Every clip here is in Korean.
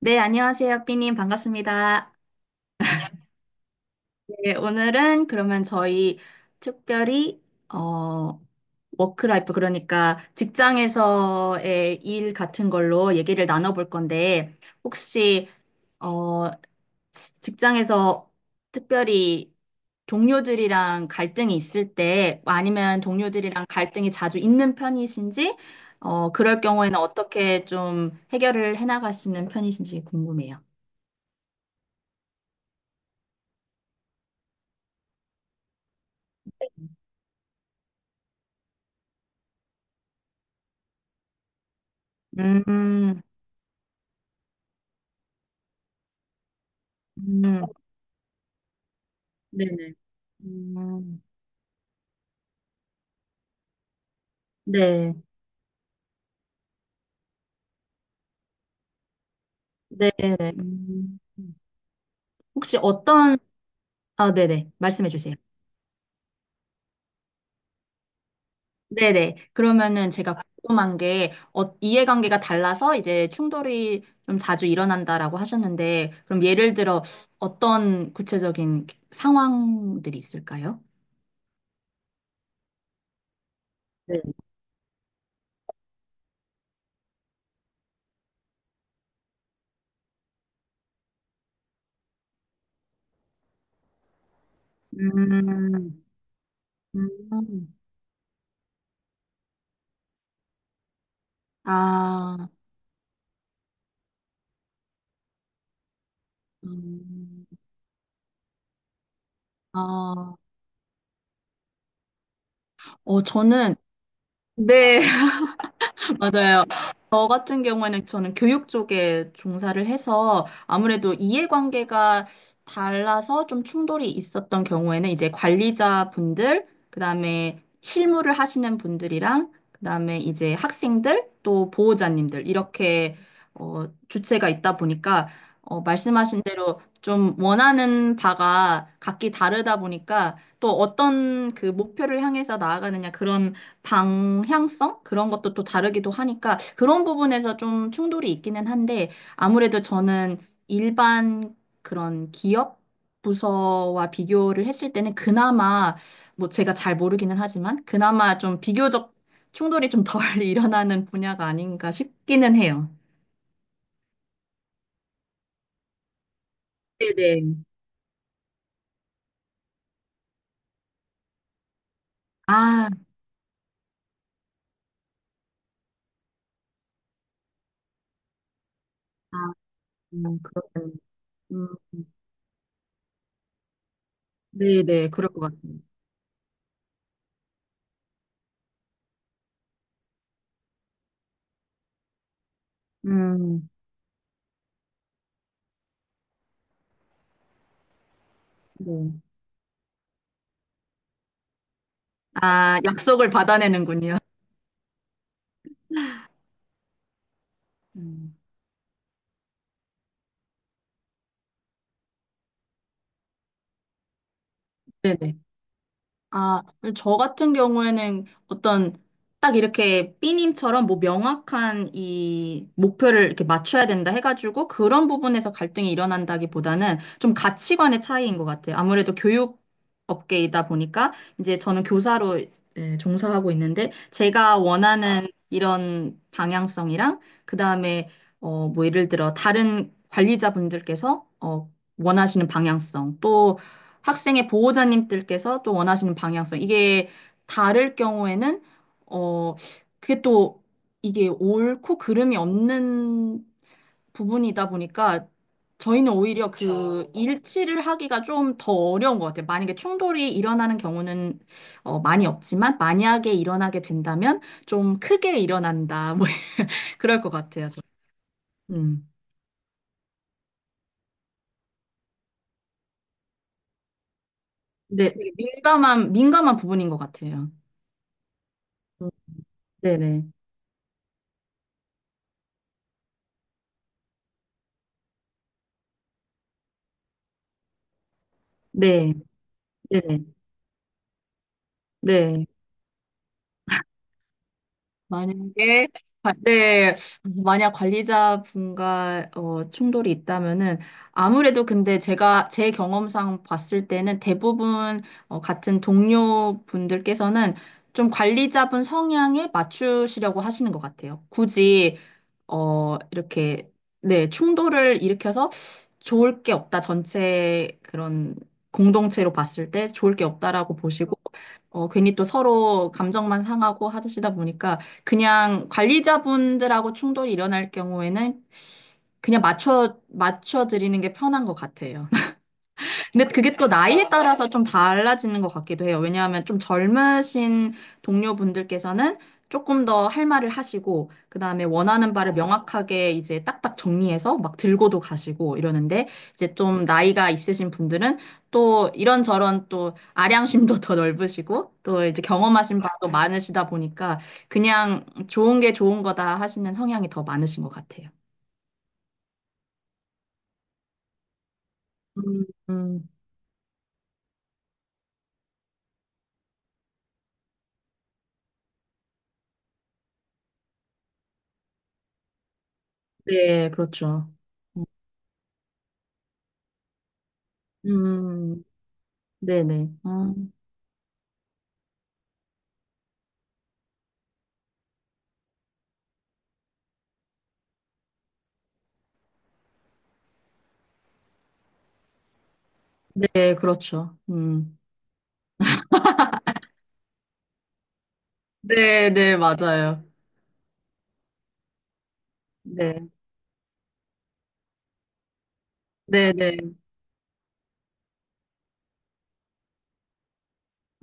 네, 안녕하세요, 삐님. 반갑습니다. 네, 오늘은 그러면 저희 특별히, 어, 워크라이프, 그러니까 직장에서의 일 같은 걸로 얘기를 나눠볼 건데, 혹시, 어, 직장에서 특별히 동료들이랑 갈등이 있을 때, 아니면 동료들이랑 갈등이 자주 있는 편이신지, 그럴 경우에는 어떻게 좀 해결을 해나가시는 편이신지 궁금해요. 음, 음. 네네. 음, 네. 네네. 혹시 아, 네네. 말씀해 주세요. 네네. 그러면은 제가 궁금한 게, 이해관계가 달라서 이제 충돌이 좀 자주 일어난다라고 하셨는데, 그럼 예를 들어 어떤 구체적인 상황들이 있을까요? 네. 음, 음, 아, 음, 아, 어, 저는, 네, 맞아요. 저 같은 경우에는 저는 교육 쪽에 종사를 해서 아무래도 이해관계가 달라서 좀 충돌이 있었던 경우에는 이제 관리자분들, 그다음에 실무를 하시는 분들이랑 그다음에 이제 학생들 또 보호자님들 이렇게 주체가 있다 보니까 말씀하신 대로 좀 원하는 바가 각기 다르다 보니까 또 어떤 그 목표를 향해서 나아가느냐 그런 방향성? 그런 것도 또 다르기도 하니까 그런 부분에서 좀 충돌이 있기는 한데 아무래도 저는 일반 그런 기업 부서와 비교를 했을 때는 그나마 뭐 제가 잘 모르기는 하지만 그나마 좀 비교적 충돌이 좀 덜 일어나는 분야가 아닌가 싶기는 해요. 네네. 아, 아, 그렇군요. 음, 네네, 그럴 것 같아요. 음, 네. 아, 약속을 받아내는군요. 음, 네네. 아, 저 같은 경우에는 어떤 딱 이렇게 삐님처럼 뭐 명확한 이 목표를 이렇게 맞춰야 된다 해가지고 그런 부분에서 갈등이 일어난다기보다는 좀 가치관의 차이인 것 같아요. 아무래도 교육 업계이다 보니까 이제 저는 교사로 예, 종사하고 있는데 제가 원하는 이런 방향성이랑 그다음에 뭐 예를 들어 다른 관리자분들께서 원하시는 방향성 또 학생의 보호자님들께서 또 원하시는 방향성. 이게 다를 경우에는, 어, 그게 또 이게 옳고 그름이 없는 부분이다 보니까 저희는 오히려 그그 일치를 하기가 좀 더 어려운 것 같아요. 만약에 충돌이 일어나는 경우는 많이 없지만 만약에 일어나게 된다면 좀 크게 일어난다. 뭐 그럴 것 같아요. 저. 음. 근데 되게 민감한 부분인 것 같아요. 음, 네네. 네. 네네. 네. 만약에 네, 만약 관리자분과 충돌이 있다면은 아무래도 근데 제가 제 경험상 봤을 때는 대부분 같은 동료분들께서는 좀 관리자분 성향에 맞추시려고 하시는 것 같아요. 굳이 어, 이렇게, 네, 충돌을 일으켜서 좋을 게 없다. 전체 그런 공동체로 봤을 때 좋을 게 없다라고 보시고, 괜히 또 서로 감정만 상하고 하시다 보니까 그냥 관리자분들하고 충돌이 일어날 경우에는 그냥 맞춰 드리는 게 편한 것 같아요. 근데 그게 또 나이에 따라서 좀 달라지는 것 같기도 해요. 왜냐하면 좀 젊으신 동료분들께서는 조금 더 할 말을 하시고, 그 다음에 원하는 바를 명확하게 이제 딱딱 정리해서 막 들고도 가시고 이러는데, 이제 좀 나이가 있으신 분들은 또 이런저런 또 아량심도 더 넓으시고, 또 이제 경험하신 바도 많으시다 보니까, 그냥 좋은 게 좋은 거다 하시는 성향이 더 많으신 것 같아요. 음, 음, 네, 그렇죠. 음, 네네. 아, 네, 그렇죠. 음. 네네, 맞아요. 네. 네네.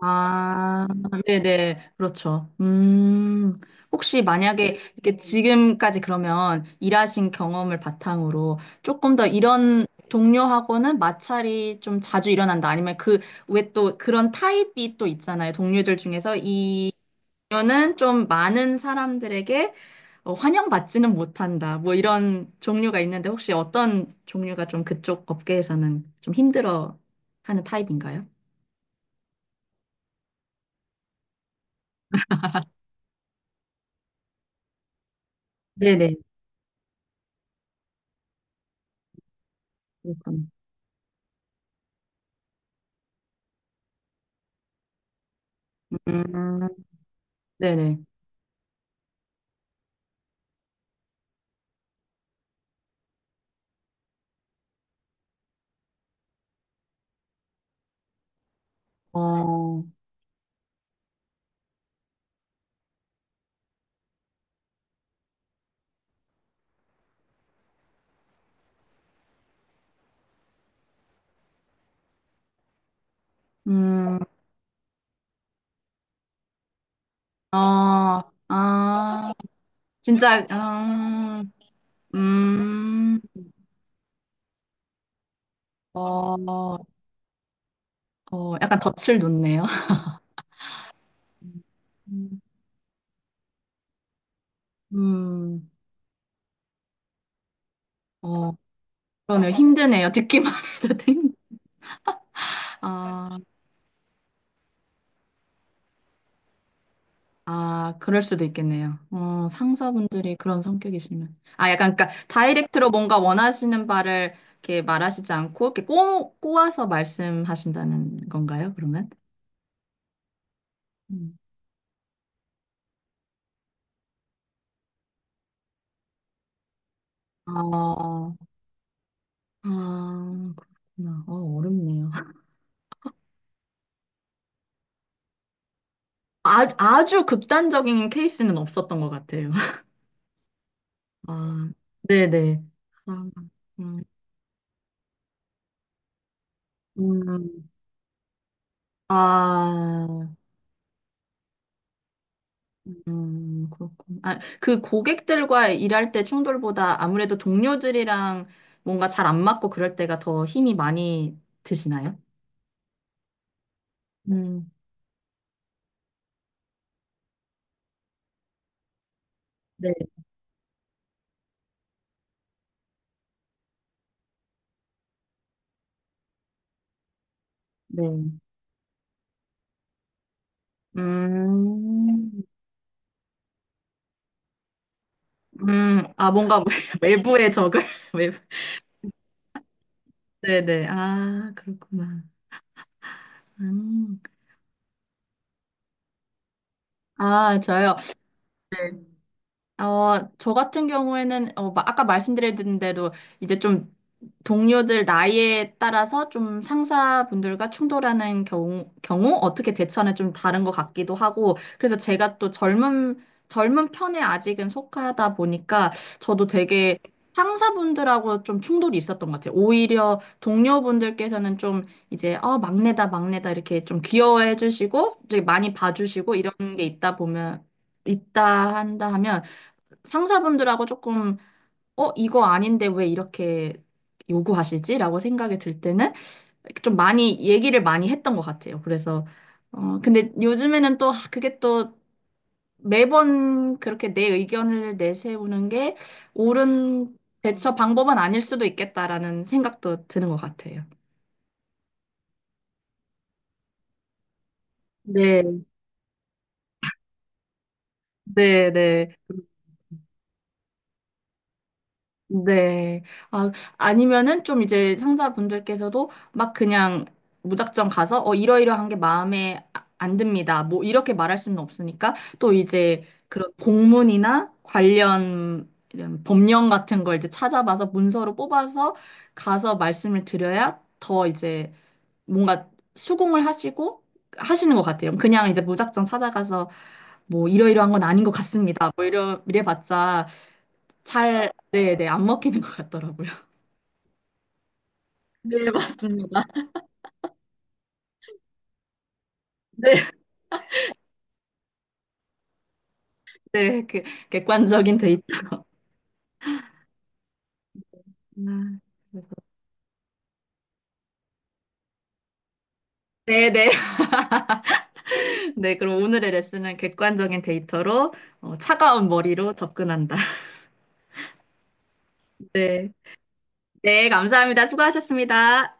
아, 네네. 그렇죠. 음. 혹시 만약에 이렇게 지금까지 그러면 일하신 경험을 바탕으로 조금 더 이런 동료하고는 마찰이 좀 자주 일어난다. 아니면 그, 왜 또 그런 타입이 또 있잖아요. 동료들 중에서 이 동료는 좀 많은 사람들에게 환영받지는 못한다. 뭐 이런 종류가 있는데 혹시 어떤 종류가 좀 그쪽 업계에서는 좀 힘들어 하는 타입인가요? 네네. 그렇군. 음, 네네. 어, 음, 어, 아, 진짜, 음, 어, 어, 약간 덫을 놓네요. 음, 음, 어, 그러네요. 힘드네요. 듣기만 해도 힘, 아, 아, 그럴 수도 있겠네요. 상사분들이 그런 성격이시면. 아, 약간, 그러니까, 다이렉트로 뭔가 원하시는 바를 이렇게 말하시지 않고, 이렇게 꼬아서 말씀하신다는 건가요, 그러면? 음. 어, 아, 그렇구나. 어, 어렵네요. 아, 아주 극단적인 케이스는 없었던 것 같아요. 아, 네네. 아, 음, 음, 아, 그렇군. 아, 그 고객들과 일할 때 충돌보다 아무래도 동료들이랑 뭔가 잘 안 맞고 그럴 때가 더 힘이 많이 드시나요? 음, 네, 네. 음, 아, 뭔가 외부의 적을, 외부. 네네. 아, 그렇구나. 음. 아, 저요? 어, 저 같은 경우에는, 어, 아까 말씀드린 대로 이제 좀 동료들 나이에 따라서 좀 상사분들과 충돌하는 경우 어떻게 대처하는 좀 다른 것 같기도 하고, 그래서 제가 또 젊은 편에 아직은 속하다 보니까 저도 되게 상사분들하고 좀 충돌이 있었던 것 같아요. 오히려 동료분들께서는 좀 이제, 막내다, 막내다 이렇게 좀 귀여워해 주시고, 되게 많이 봐주시고 이런 게 있다 보면, 있다 한다 하면 상사분들하고 이거 아닌데 왜 이렇게 요구하시지? 라고 생각이 들 때는 좀 많이 했던 것 같아요. 그래서, 근데 요즘에는 또 아, 그게 또 매번 그렇게 내 의견을 내세우는 게 옳은 대처 방법은 아닐 수도 있겠다라는 생각도 드는 것 같아요. 네, 네, 네. 네. 아, 아니면은 좀 이제 상사분들께서도 막 그냥 무작정 가서 이러이러한 게 마음에 안 듭니다. 뭐 이렇게 말할 수는 없으니까 또 이제 그런 공문이나 관련 이런 법령 같은 걸 이제 찾아봐서 문서로 뽑아서 가서 말씀을 드려야 더 이제 뭔가 수긍을 하시고 하시는 것 같아요. 그냥 이제 무작정 찾아가서 뭐 이러이러한 건 아닌 것 같습니다. 뭐 이래봤자 네네, 안 먹히는 것 같더라고요. 네, 맞습니다. 네, 네, 그 객관적인 데이터. 아, 그래서- 네, 네, 네. 그럼 오늘의 레슨은 객관적인 데이터로 차가운 머리로 접근한다. 네, 네, 감사합니다. 수고하셨습니다.